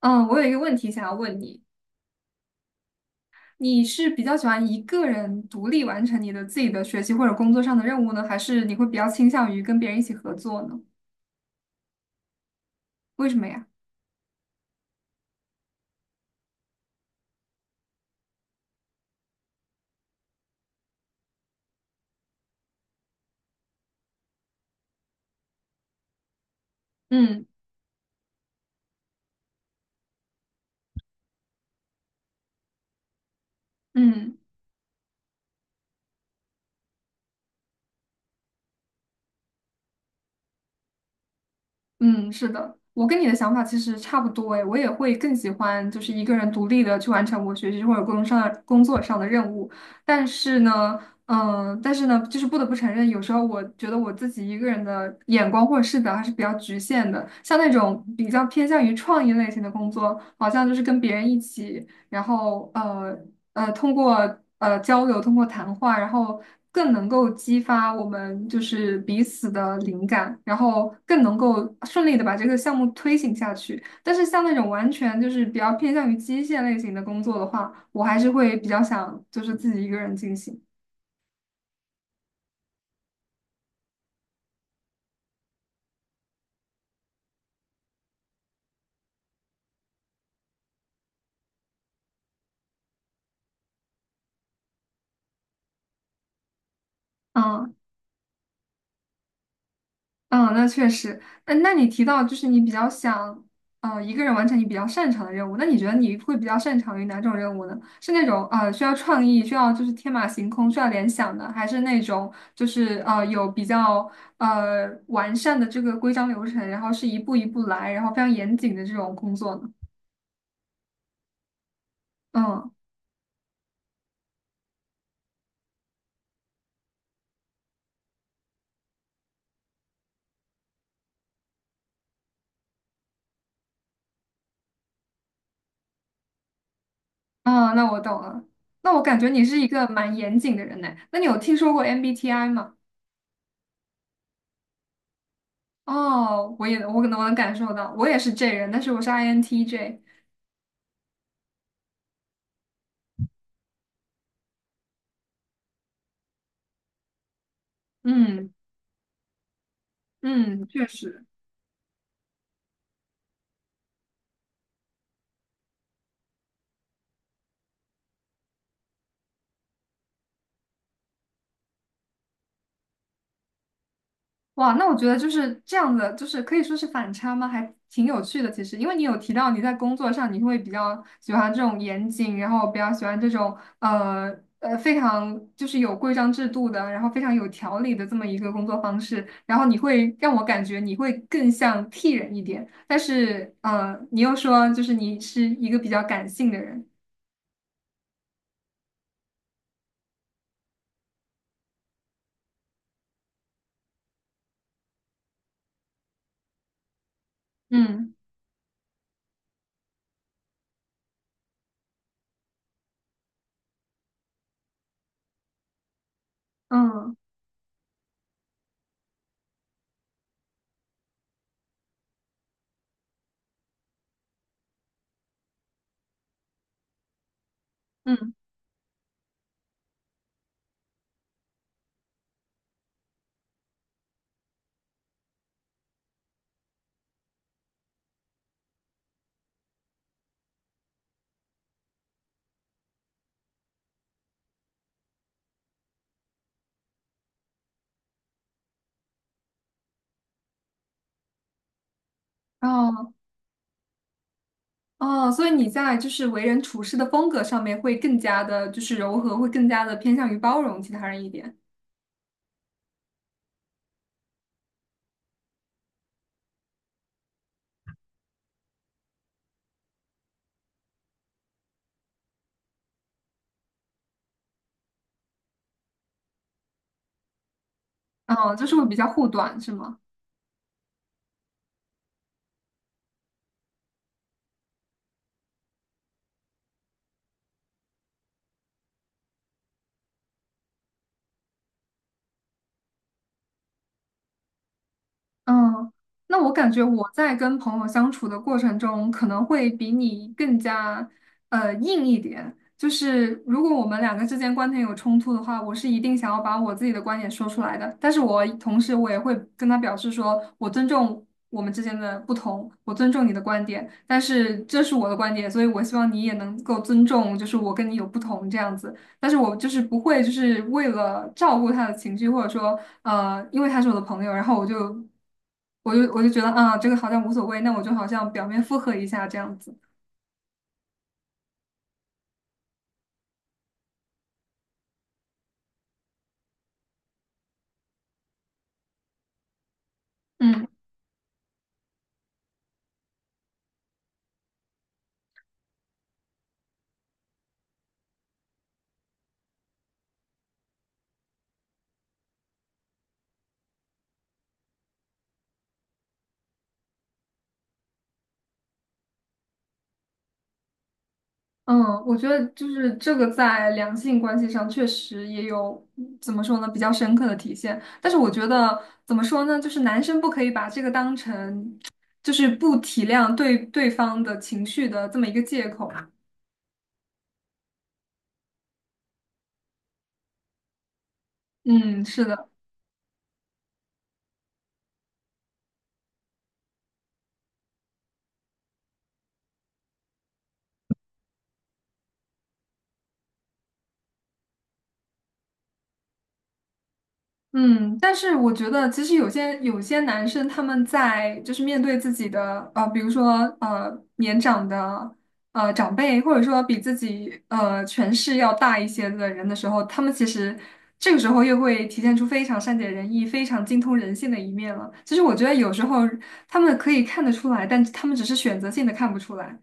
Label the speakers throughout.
Speaker 1: 嗯，我有一个问题想要问你，你是比较喜欢一个人独立完成你的自己的学习或者工作上的任务呢，还是你会比较倾向于跟别人一起合作呢？为什么呀？嗯嗯。嗯，是的，我跟你的想法其实差不多诶，我也会更喜欢就是一个人独立的去完成我学习或者工作上的任务。但是呢，但是呢，就是不得不承认，有时候我觉得我自己一个人的眼光或者视角还是比较局限的。像那种比较偏向于创意类型的工作，好像就是跟别人一起。然后通过交流，通过谈话，然后更能够激发我们就是彼此的灵感，然后更能够顺利的把这个项目推行下去。但是像那种完全就是比较偏向于机械类型的工作的话，我还是会比较想就是自己一个人进行。嗯，嗯，那确实。嗯，那你提到就是你比较想，一个人完成你比较擅长的任务，那你觉得你会比较擅长于哪种任务呢？是那种需要创意、需要就是天马行空、需要联想的，还是那种就是有比较完善的这个规章流程，然后是一步一步来，然后非常严谨的这种工作呢？嗯，啊，那我懂了。那我感觉你是一个蛮严谨的人呢。那你有听说过 MBTI 吗？哦，我也我可能我能感受到，我也是 J 人，但是我是 INTJ。嗯嗯，确实，哇，那我觉得就是这样的，就是可以说是反差吗？还挺有趣的。其实，因为你有提到你在工作上你会比较喜欢这种严谨，然后比较喜欢这种呃非常就是有规章制度的，然后非常有条理的这么一个工作方式，然后你会让我感觉你会更像 T 人一点，但是你又说就是你是一个比较感性的人，嗯。嗯嗯，哦哦，所以你在就是为人处事的风格上面会更加的，就是柔和，会更加的偏向于包容其他人一点。哦，就是会比较护短，是吗？嗯，那我感觉我在跟朋友相处的过程中，可能会比你更加硬一点。就是如果我们两个之间观点有冲突的话，我是一定想要把我自己的观点说出来的。但是我同时我也会跟他表示说，我尊重我们之间的不同，我尊重你的观点，但是这是我的观点，所以我希望你也能够尊重，就是我跟你有不同这样子。但是我就是不会，就是为了照顾他的情绪，或者说因为他是我的朋友，然后我就觉得啊，这个好像无所谓，那我就好像表面附和一下这样子。嗯嗯，我觉得就是这个在两性关系上确实也有怎么说呢，比较深刻的体现。但是我觉得怎么说呢，就是男生不可以把这个当成就是不体谅对方的情绪的这么一个借口。嗯，是的。嗯，但是我觉得，其实有些男生他们在就是面对自己的比如说年长的长辈，或者说比自己权势要大一些的人的时候，他们其实这个时候又会体现出非常善解人意、非常精通人性的一面了。其实我觉得有时候他们可以看得出来，但他们只是选择性的看不出来。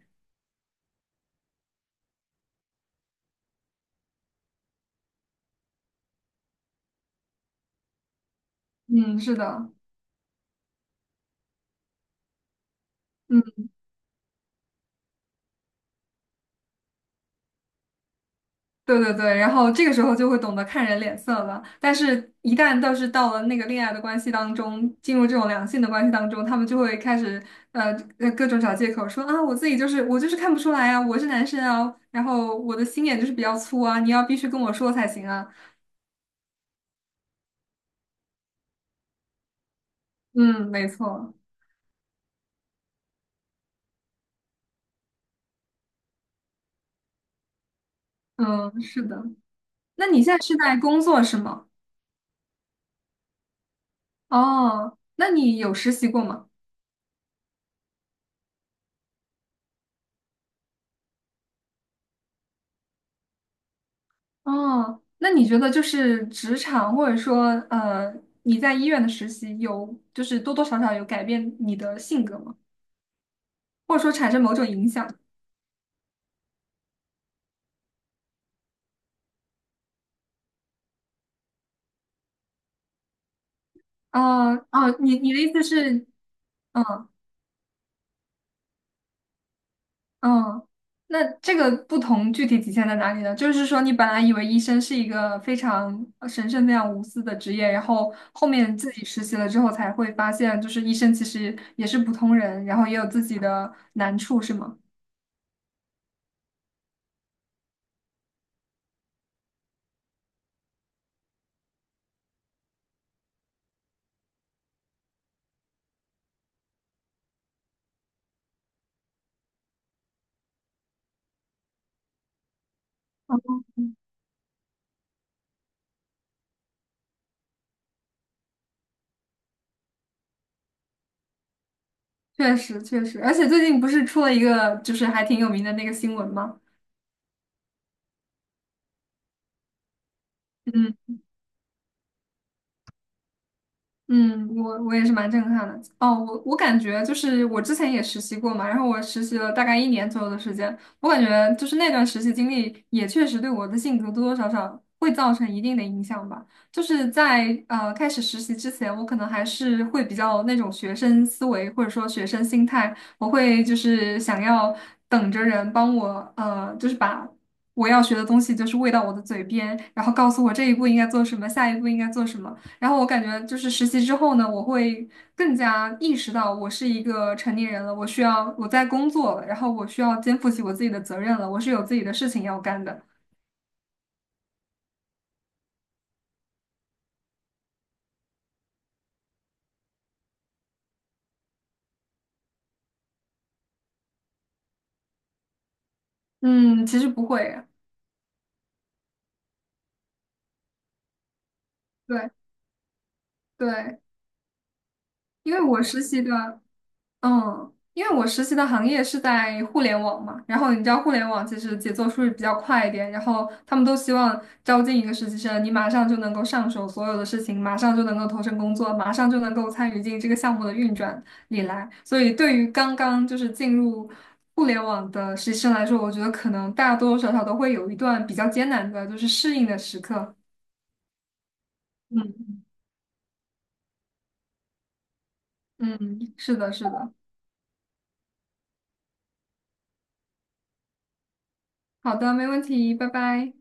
Speaker 1: 嗯，是的，嗯。对对对，然后这个时候就会懂得看人脸色了。但是，一旦倒是到了那个恋爱的关系当中，进入这种良性的关系当中，他们就会开始呃各种找借口说啊，我就是看不出来啊，我是男生啊，然后我的心眼就是比较粗啊，你要必须跟我说才行啊。嗯，没错，嗯，是的。那你现在是在工作是吗？哦，那你有实习过吗？哦，那你觉得就是职场，或者说呃，你在医院的实习有，就是多多少少有改变你的性格吗？或者说产生某种影响？啊啊，你的意思是，嗯嗯，那这个不同具体体现在哪里呢？就是说，你本来以为医生是一个非常神圣、非常无私的职业，然后后面自己实习了之后才会发现，就是医生其实也是普通人，然后也有自己的难处，是吗？确实确实，而且最近不是出了一个就是还挺有名的那个新闻吗？嗯，嗯，我也是蛮震撼的。哦，我感觉就是我之前也实习过嘛，然后我实习了大概1年左右的时间，我感觉就是那段实习经历也确实对我的性格多多少少会造成一定的影响吧。就是在开始实习之前，我可能还是会比较那种学生思维或者说学生心态，我会就是想要等着人帮我就是把。我要学的东西就是喂到我的嘴边，然后告诉我这一步应该做什么，下一步应该做什么。然后我感觉就是实习之后呢，我会更加意识到我是一个成年人了，我需要我在工作了，然后我需要肩负起我自己的责任了，我是有自己的事情要干的。嗯，其实不会，对对，因为我实习的。嗯，因为我实习的行业是在互联网嘛，然后你知道互联网其实节奏是不是比较快一点，然后他们都希望招进一个实习生，你马上就能够上手所有的事情，马上就能够投身工作，马上就能够参与进这个项目的运转里来。所以对于刚刚就是进入互联网的实习生来说，我觉得可能多多少少都会有一段比较艰难的就是适应的时刻。嗯嗯，是的，是的。好的，没问题，拜拜。